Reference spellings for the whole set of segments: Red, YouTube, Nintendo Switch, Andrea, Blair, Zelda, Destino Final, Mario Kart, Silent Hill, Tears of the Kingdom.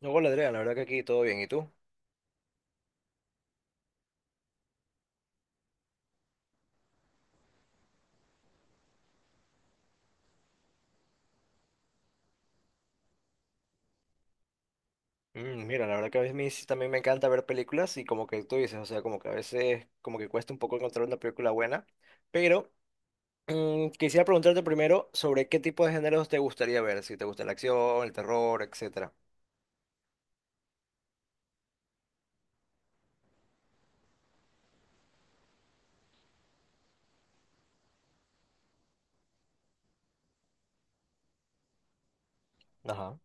No, hola Andrea, la verdad que aquí todo bien. ¿Y tú? Mira, la verdad que a veces sí también me encanta ver películas y como que tú dices, o sea, como que a veces como que cuesta un poco encontrar una película buena, pero quisiera preguntarte primero sobre qué tipo de géneros te gustaría ver, si te gusta la acción, el terror, etcétera. Ajá.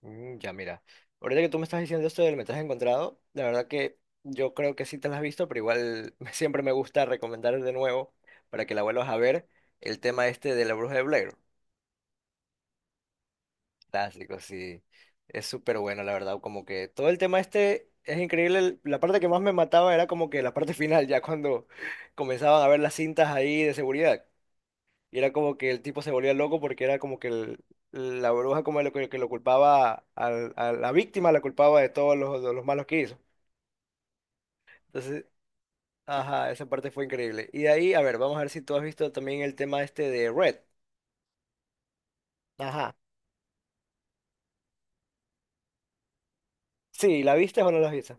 Ya, mira. Ahorita que tú me estás diciendo esto del metraje encontrado, la verdad que yo creo que sí te la has visto, pero igual siempre me gusta recomendar de nuevo para que la vuelvas a ver el tema este de la Bruja de Blair. Clásico, sí. Es súper bueno, la verdad. Como que todo el tema este es increíble. La parte que más me mataba era como que la parte final, ya cuando comenzaban a ver las cintas ahí de seguridad. Y era como que el tipo se volvía loco porque era como que la bruja como lo, que, lo culpaba, a la víctima la culpaba de todos los, de los malos que hizo. Entonces, ajá, esa parte fue increíble. Y de ahí, a ver, vamos a ver si tú has visto también el tema este de Red. Ajá. Sí, ¿la viste o no la viste?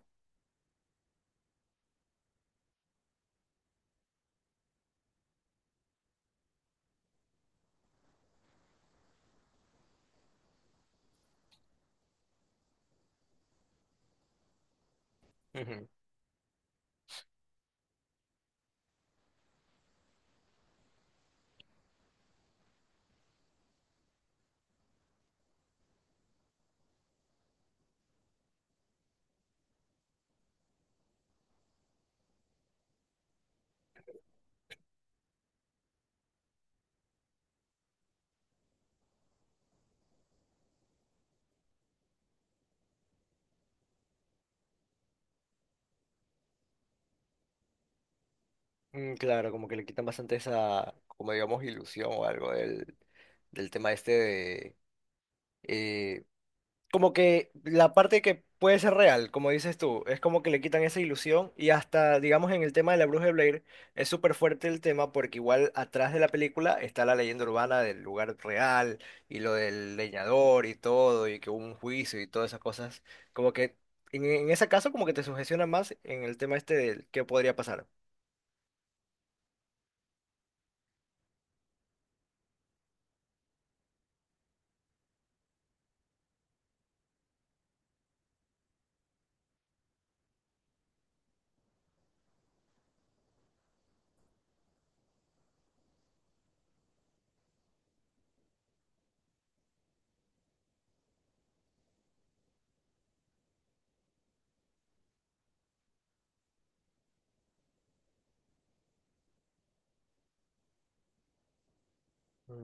Claro, como que le quitan bastante esa, como digamos, ilusión o algo del, del tema este de... eh, como que la parte que puede ser real, como dices tú, es como que le quitan esa ilusión y hasta, digamos, en el tema de la Bruja de Blair es súper fuerte el tema porque igual atrás de la película está la leyenda urbana del lugar real y lo del leñador y todo y que hubo un juicio y todas esas cosas. Como que en ese caso como que te sugestiona más en el tema este del qué podría pasar.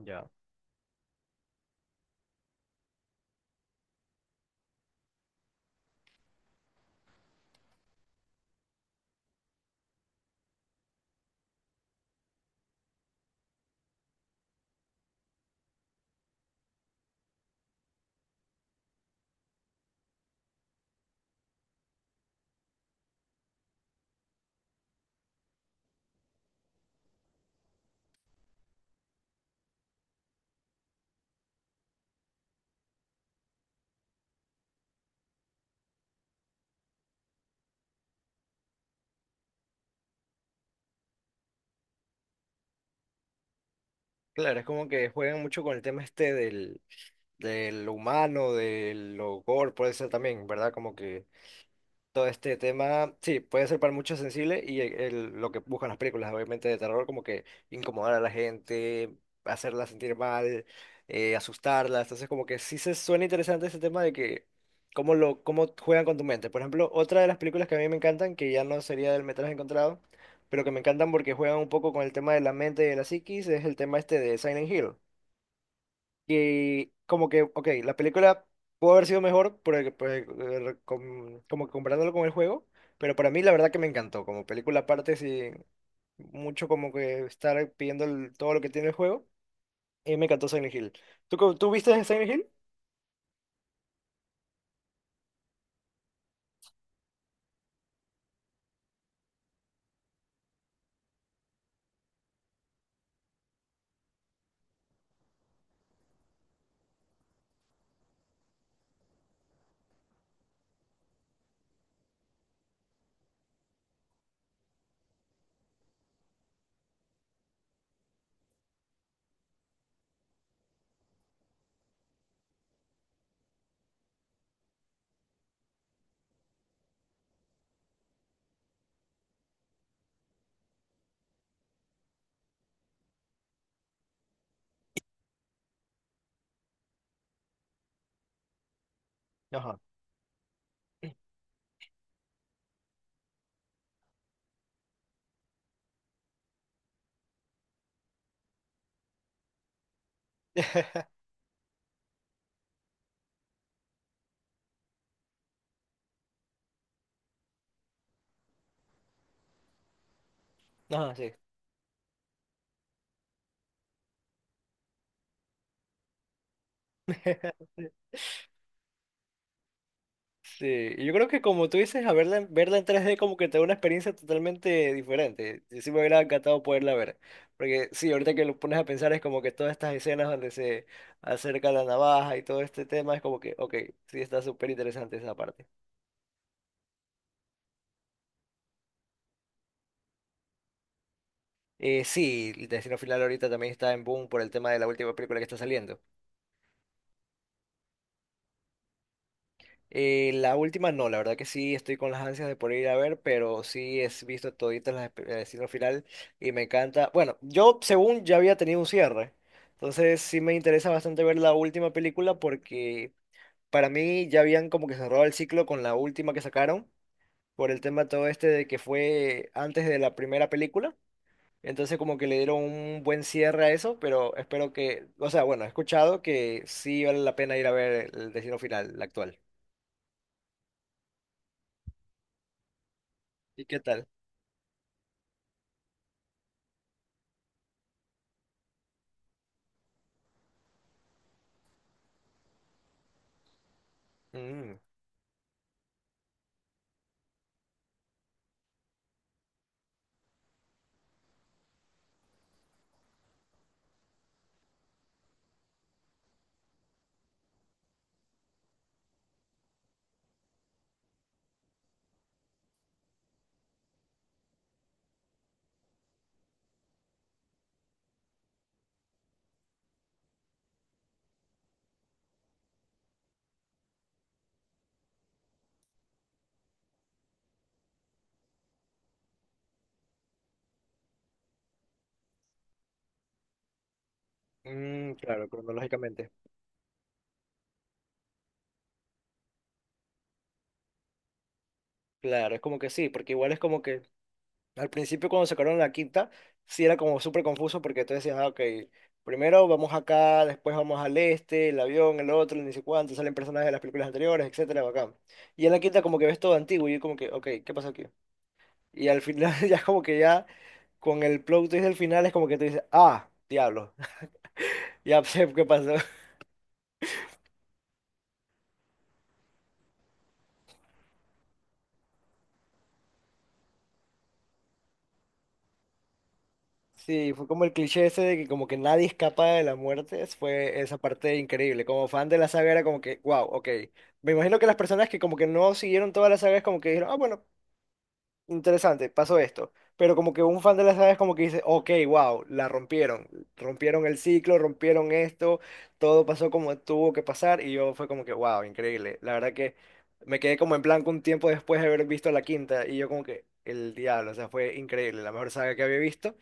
Ya. Claro, es como que juegan mucho con el tema este del, del humano, de lo gore, puede ser también, ¿verdad? Como que todo este tema, sí, puede ser para muchos sensible y lo que buscan las películas, obviamente, de terror, como que incomodar a la gente, hacerla sentir mal, asustarla. Entonces, como que sí se suena interesante ese tema de que cómo lo, cómo juegan con tu mente. Por ejemplo, otra de las películas que a mí me encantan, que ya no sería del metraje encontrado, pero que me encantan porque juegan un poco con el tema de la mente y de la psiquis, es el tema este de Silent Hill que como que, ok, la película pudo haber sido mejor por como que comparándolo con el juego, pero para mí la verdad que me encantó, como película aparte, sí, mucho como que estar pidiendo todo lo que tiene el juego, y me encantó Silent Hill. ¿Tú, tú viste Silent Hill? Ajá. Ajá, sí. Sí, y yo creo que como tú dices, a verla, verla en 3D como que te da una experiencia totalmente diferente. Y sí me hubiera encantado poderla ver. Porque sí, ahorita que lo pones a pensar es como que todas estas escenas donde se acerca la navaja y todo este tema es como que, ok, sí está súper interesante esa parte. Sí, el Destino Final ahorita también está en boom por el tema de la última película que está saliendo. La última no, la verdad que sí, estoy con las ansias de poder ir a ver, pero sí he visto toditas las el destino final y me encanta. Bueno, yo según ya había tenido un cierre, entonces sí me interesa bastante ver la última película porque para mí ya habían como que cerrado el ciclo con la última que sacaron por el tema todo este de que fue antes de la primera película. Entonces como que le dieron un buen cierre a eso, pero espero que, o sea, bueno, he escuchado que sí vale la pena ir a ver el destino final, la actual. ¿Y qué tal? Mm. Claro, cronológicamente. Claro, es como que sí, porque igual es como que al principio cuando sacaron la quinta, sí era como súper confuso porque tú decías, ah, ok, primero vamos acá, después vamos al este, el avión, el otro, ni sé cuánto, salen personajes de las películas anteriores, etcétera, bacán. Y en la quinta como que ves todo antiguo y yo como que, ok, ¿qué pasa aquí? Y al final ya como que ya con el plot twist del final es como que tú dices, ah, diablo, ya sé qué pasó. Sí, fue como el cliché ese de que como que nadie escapa de la muerte, fue esa parte increíble. Como fan de la saga era como que, wow, ok. Me imagino que las personas que como que no siguieron toda la saga es como que dijeron, ah, bueno, interesante, pasó esto. Pero como que un fan de la saga es como que dice, ok, wow, la rompieron. Rompieron el ciclo, rompieron esto, todo pasó como tuvo que pasar y yo fue como que, wow, increíble. La verdad que me quedé como en blanco un tiempo después de haber visto la quinta y yo como que, el diablo, o sea, fue increíble, la mejor saga que había visto.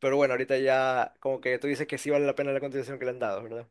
Pero bueno, ahorita ya como que tú dices que sí vale la pena la contribución que le han dado, ¿verdad?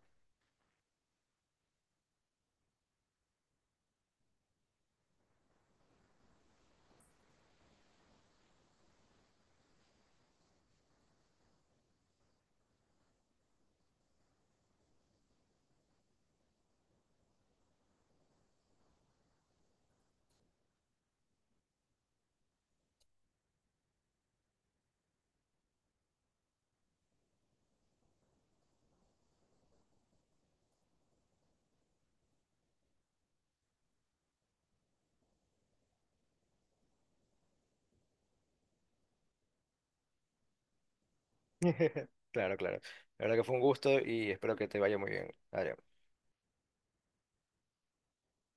Claro, claro. La verdad que fue un gusto y espero que te vaya muy bien. Adrián.